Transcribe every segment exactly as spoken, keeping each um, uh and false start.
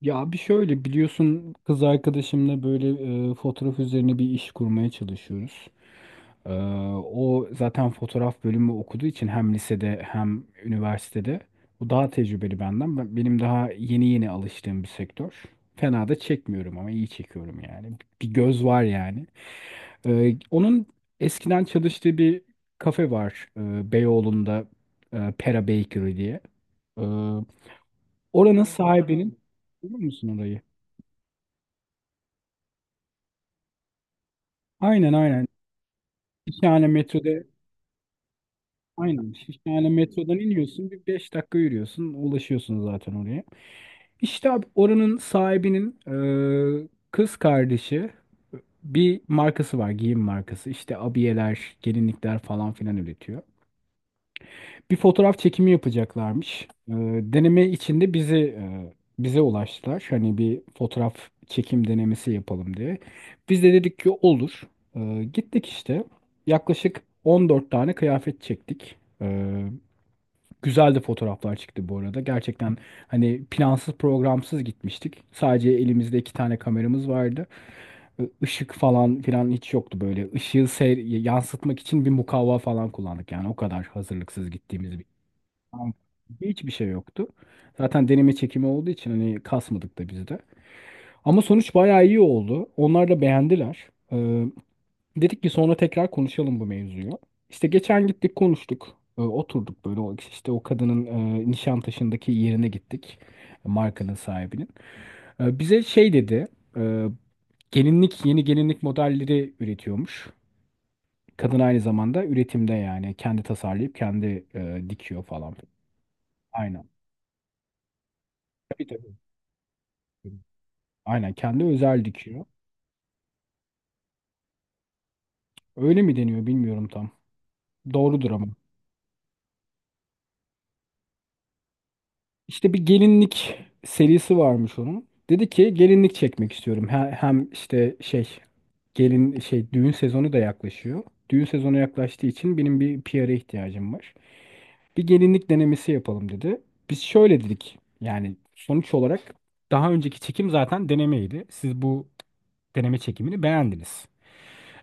Ya bir şöyle biliyorsun kız arkadaşımla böyle e, fotoğraf üzerine bir iş kurmaya çalışıyoruz. E, O zaten fotoğraf bölümü okuduğu için hem lisede hem üniversitede. O daha tecrübeli benden. Ben- Benim daha yeni yeni alıştığım bir sektör. Fena da çekmiyorum ama iyi çekiyorum yani. Bir göz var yani. E, onun eskiden çalıştığı bir kafe var, e, Beyoğlu'nda, e, Pera Bakery diye. E, oranın sahibinin... Biliyor musun orayı? Aynen, aynen. Şişhane metroda, aynen. Şişhane metrodan iniyorsun. Bir beş dakika yürüyorsun. Ulaşıyorsun zaten oraya. İşte abi, oranın sahibinin e, kız kardeşi bir markası var. Giyim markası. İşte abiyeler, gelinlikler falan filan üretiyor. Bir fotoğraf çekimi yapacaklarmış. Ee, deneme içinde bizi e, bize ulaştılar. Hani bir fotoğraf çekim denemesi yapalım diye. Biz de dedik ki olur. Ee, gittik işte. Yaklaşık on dört tane kıyafet çektik. Ee, Güzel de fotoğraflar çıktı bu arada. Gerçekten hani plansız programsız gitmiştik. Sadece elimizde iki tane kameramız vardı. Ee, Işık falan filan hiç yoktu böyle. Işığı seyr- yansıtmak için bir mukavva falan kullandık. Yani o kadar hazırlıksız gittiğimiz... Tamam. Hiçbir şey yoktu. Zaten deneme çekimi olduğu için hani kasmadık da biz de. Ama sonuç bayağı iyi oldu. Onlar da beğendiler. Ee, dedik ki sonra tekrar konuşalım bu mevzuyu. İşte geçen gittik konuştuk. Ee, oturduk böyle, o, işte o kadının e, Nişantaşı'ndaki yerine gittik. Markanın sahibinin. Ee, bize şey dedi. E, gelinlik Yeni gelinlik modelleri üretiyormuş. Kadın aynı zamanda üretimde, yani kendi tasarlayıp kendi e, dikiyor falan. Aynen. Tabii, tabii. Aynen kendi özel dikiyor. Öyle mi deniyor bilmiyorum tam. Doğrudur ama. İşte bir gelinlik serisi varmış onun. Dedi ki gelinlik çekmek istiyorum. He- Hem işte şey, gelin şey düğün sezonu da yaklaşıyor. Düğün sezonu yaklaştığı için benim bir P R'a ihtiyacım var. Bir gelinlik denemesi yapalım dedi. Biz şöyle dedik. Yani sonuç olarak daha önceki çekim zaten denemeydi. Siz bu deneme çekimini beğendiniz.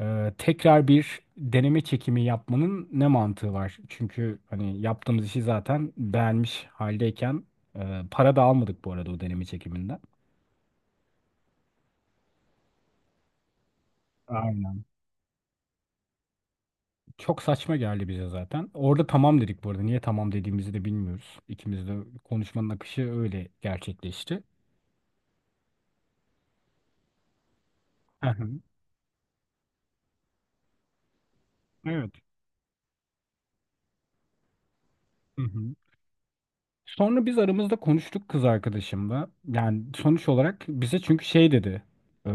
Ee, tekrar bir deneme çekimi yapmanın ne mantığı var? Çünkü hani yaptığımız işi zaten beğenmiş haldeyken, e, para da almadık bu arada o deneme çekiminden. Aynen. Çok saçma geldi bize zaten. Orada tamam dedik bu arada. Niye tamam dediğimizi de bilmiyoruz. İkimiz de konuşmanın akışı öyle gerçekleşti. Hı hı. Evet. Hı hı. Sonra biz aramızda konuştuk kız arkadaşımla. Yani sonuç olarak bize çünkü şey dedi. e,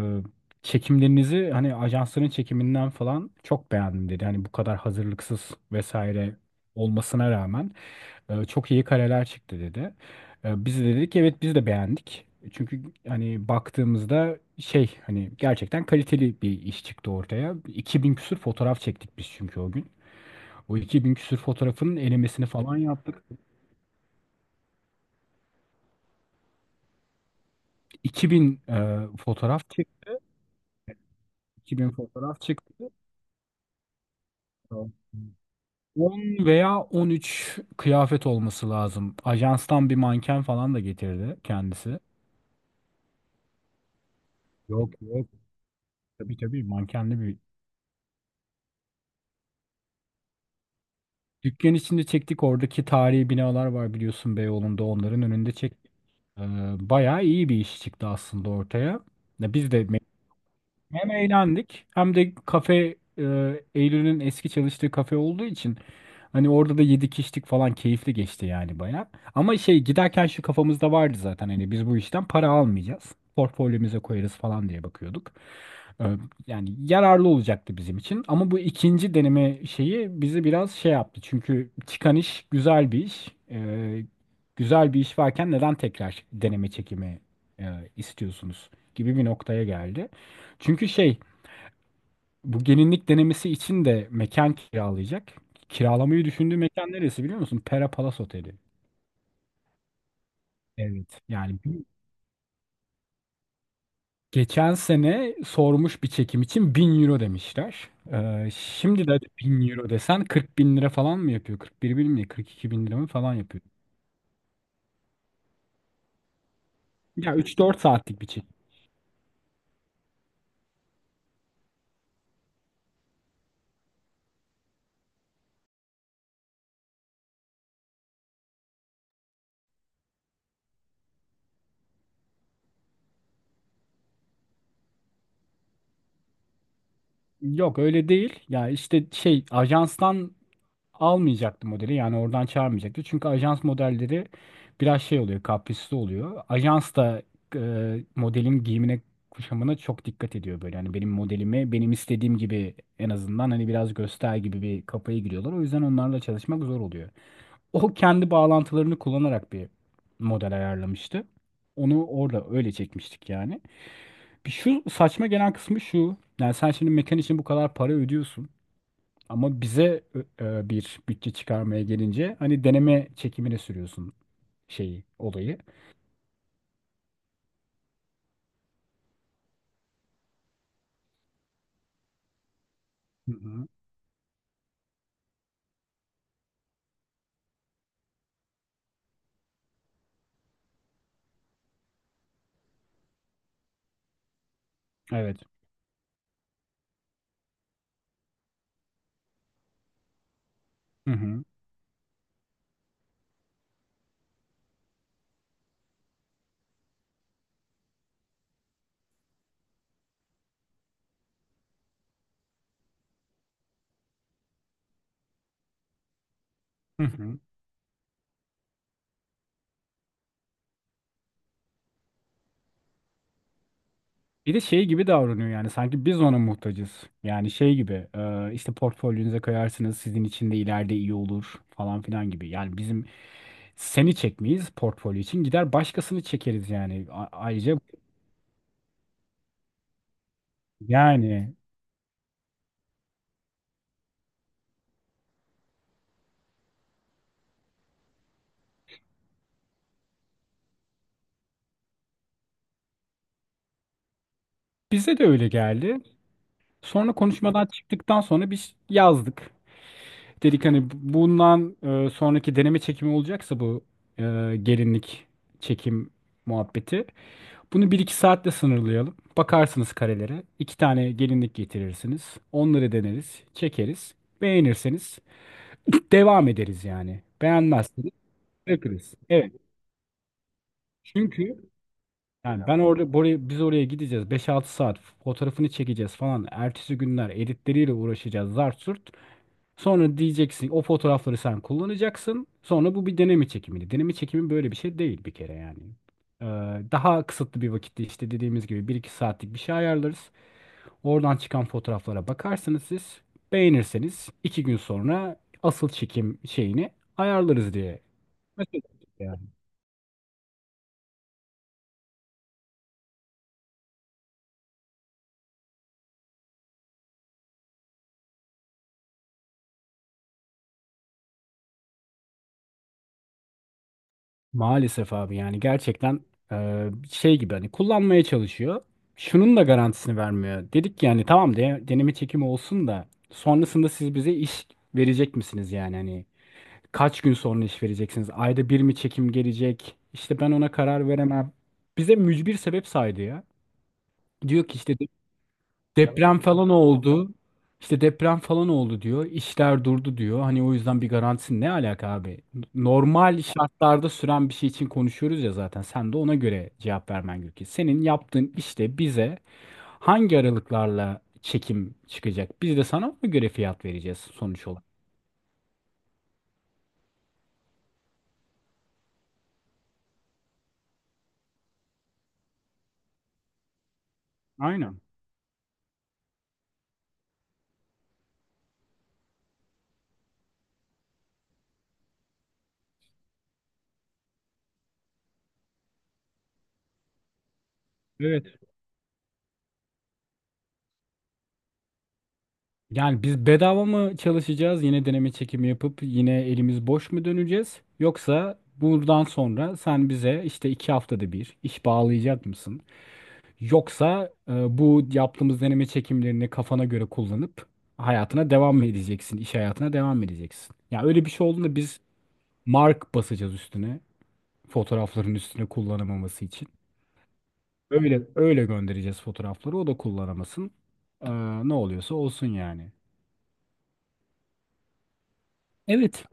Çekimlerinizi hani ajansların çekiminden falan çok beğendim dedi. Hani bu kadar hazırlıksız vesaire olmasına rağmen e, çok iyi kareler çıktı dedi. E, biz de dedik evet, biz de beğendik. Çünkü hani baktığımızda şey, hani gerçekten kaliteli bir iş çıktı ortaya. iki bin küsür fotoğraf çektik biz çünkü o gün. O iki bin küsür fotoğrafın elemesini falan yaptık. iki bin e, fotoğraf çıktı. iki bin fotoğraf çıktı. on veya on üç kıyafet olması lazım. Ajanstan bir manken falan da getirdi kendisi. Yok, yok. Tabii, tabii, mankenli bir. Dükkan içinde çektik. Oradaki tarihi binalar var biliyorsun, Beyoğlu'nda. Onların önünde çektik. Ee, bayağı iyi bir iş çıktı aslında ortaya. Ya, biz de hem eğlendik, hem de kafe e, Eylül'ün eski çalıştığı kafe olduğu için hani orada da yedik içtik falan, keyifli geçti yani bayağı. Ama şey giderken şu kafamızda vardı zaten, hani biz bu işten para almayacağız. Portfolyomuza koyarız falan diye bakıyorduk. E, Yani yararlı olacaktı bizim için. Ama bu ikinci deneme şeyi bizi biraz şey yaptı. Çünkü çıkan iş güzel bir iş. E, güzel bir iş varken neden tekrar deneme çekimi e, istiyorsunuz gibi bir noktaya geldi. Çünkü şey, bu gelinlik denemesi için de mekan kiralayacak. Kiralamayı düşündüğü mekan neresi biliyor musun? Pera Palace Oteli. Evet. Yani bir- geçen sene sormuş, bir çekim için bin euro demişler. Ee, şimdi de bin euro desen kırk bin lira falan mı yapıyor? kırk bir bin mi? kırk iki bin lira mı falan yapıyor. Ya, üç dört saatlik bir çekim. Yok öyle değil. Ya işte şey, ajanstan almayacaktı modeli. Yani oradan çağırmayacaktı. Çünkü ajans modelleri biraz şey oluyor, kaprisli oluyor. Ajans da e, modelin giyimine, kuşamına çok dikkat ediyor böyle. Yani benim modelimi benim istediğim gibi en azından hani biraz göster gibi bir kafaya giriyorlar. O yüzden onlarla çalışmak zor oluyor. O kendi bağlantılarını kullanarak bir model ayarlamıştı. Onu orada öyle çekmiştik yani. Bir şu saçma gelen kısmı şu. Yani sen şimdi mekan için bu kadar para ödüyorsun. Ama bize e, bir bütçe çıkarmaya gelince hani deneme çekimine sürüyorsun şeyi, olayı. Hı hı. Evet. Hı hı. Hı hı. Bir de şey gibi davranıyor yani, sanki biz ona muhtacız. Yani şey gibi, e, işte portfolyonuza koyarsınız sizin için de ileride iyi olur falan filan gibi. Yani bizim seni çekmeyiz, portfolyo için gider başkasını çekeriz yani. A- ayrıca yani bize de öyle geldi. Sonra konuşmadan çıktıktan sonra biz yazdık. Dedik hani bundan e, sonraki deneme çekimi olacaksa, bu e, gelinlik çekim muhabbeti. Bunu bir iki saatle sınırlayalım. Bakarsınız karelere. İki tane gelinlik getirirsiniz. Onları deneriz, çekeriz. Beğenirseniz devam ederiz yani. Beğenmezseniz bırakırız. Evet. Çünkü yani ben orada buraya, biz oraya gideceğiz. Beş altı saat fotoğrafını çekeceğiz falan. Ertesi günler editleriyle uğraşacağız, zart surt. Sonra diyeceksin o fotoğrafları sen kullanacaksın. Sonra bu bir deneme çekimiydi. Deneme çekimi böyle bir şey değil bir kere yani. Ee, Daha kısıtlı bir vakitte, işte dediğimiz gibi, bir iki saatlik bir şey ayarlarız. Oradan çıkan fotoğraflara bakarsınız siz. Beğenirseniz iki gün sonra asıl çekim şeyini ayarlarız diye. Mesela. Maalesef abi, yani gerçekten e, şey gibi hani kullanmaya çalışıyor. Şunun da garantisini vermiyor. Dedik yani tamam, de, deneme çekimi olsun da sonrasında siz bize iş verecek misiniz yani hani kaç gün sonra iş vereceksiniz? Ayda bir mi çekim gelecek? İşte ben ona karar veremem. Bize mücbir sebep saydı ya. Diyor ki işte deprem falan oldu. İşte deprem falan oldu diyor. İşler durdu diyor. Hani o yüzden bir garantisi, ne alaka abi? Normal şartlarda süren bir şey için konuşuyoruz ya zaten. Sen de ona göre cevap vermen gerekiyor. Senin yaptığın işte bize hangi aralıklarla çekim çıkacak? Biz de sana ona göre fiyat vereceğiz sonuç olarak. Aynen. Evet. Yani biz bedava mı çalışacağız? Yine deneme çekimi yapıp yine elimiz boş mu döneceğiz? Yoksa buradan sonra sen bize işte iki haftada bir iş bağlayacak mısın? Yoksa e, bu yaptığımız deneme çekimlerini kafana göre kullanıp hayatına devam mı edeceksin? İş hayatına devam mı edeceksin? Ya öyle bir şey olduğunda biz mark basacağız üstüne. Fotoğrafların üstüne kullanamaması için. Öyle, öyle göndereceğiz fotoğrafları. O da kullanamasın. Ee, Ne oluyorsa olsun yani. Evet.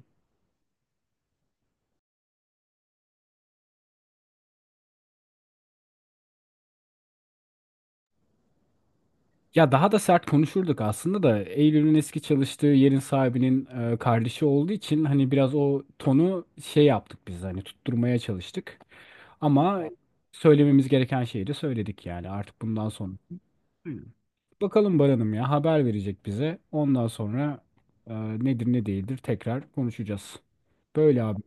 Ya daha da sert konuşurduk aslında da Eylül'ün eski çalıştığı yerin sahibinin e, kardeşi olduğu için hani biraz o tonu şey yaptık biz, hani tutturmaya çalıştık. Ama söylememiz gereken şeyi de söyledik yani, artık bundan sonra. Aynen. Bakalım, Baran'ım ya haber verecek bize. Ondan sonra e, nedir ne değildir tekrar konuşacağız. Böyle abi.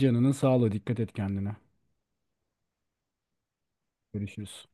Canının sağlığı, dikkat et kendine. Görüşürüz.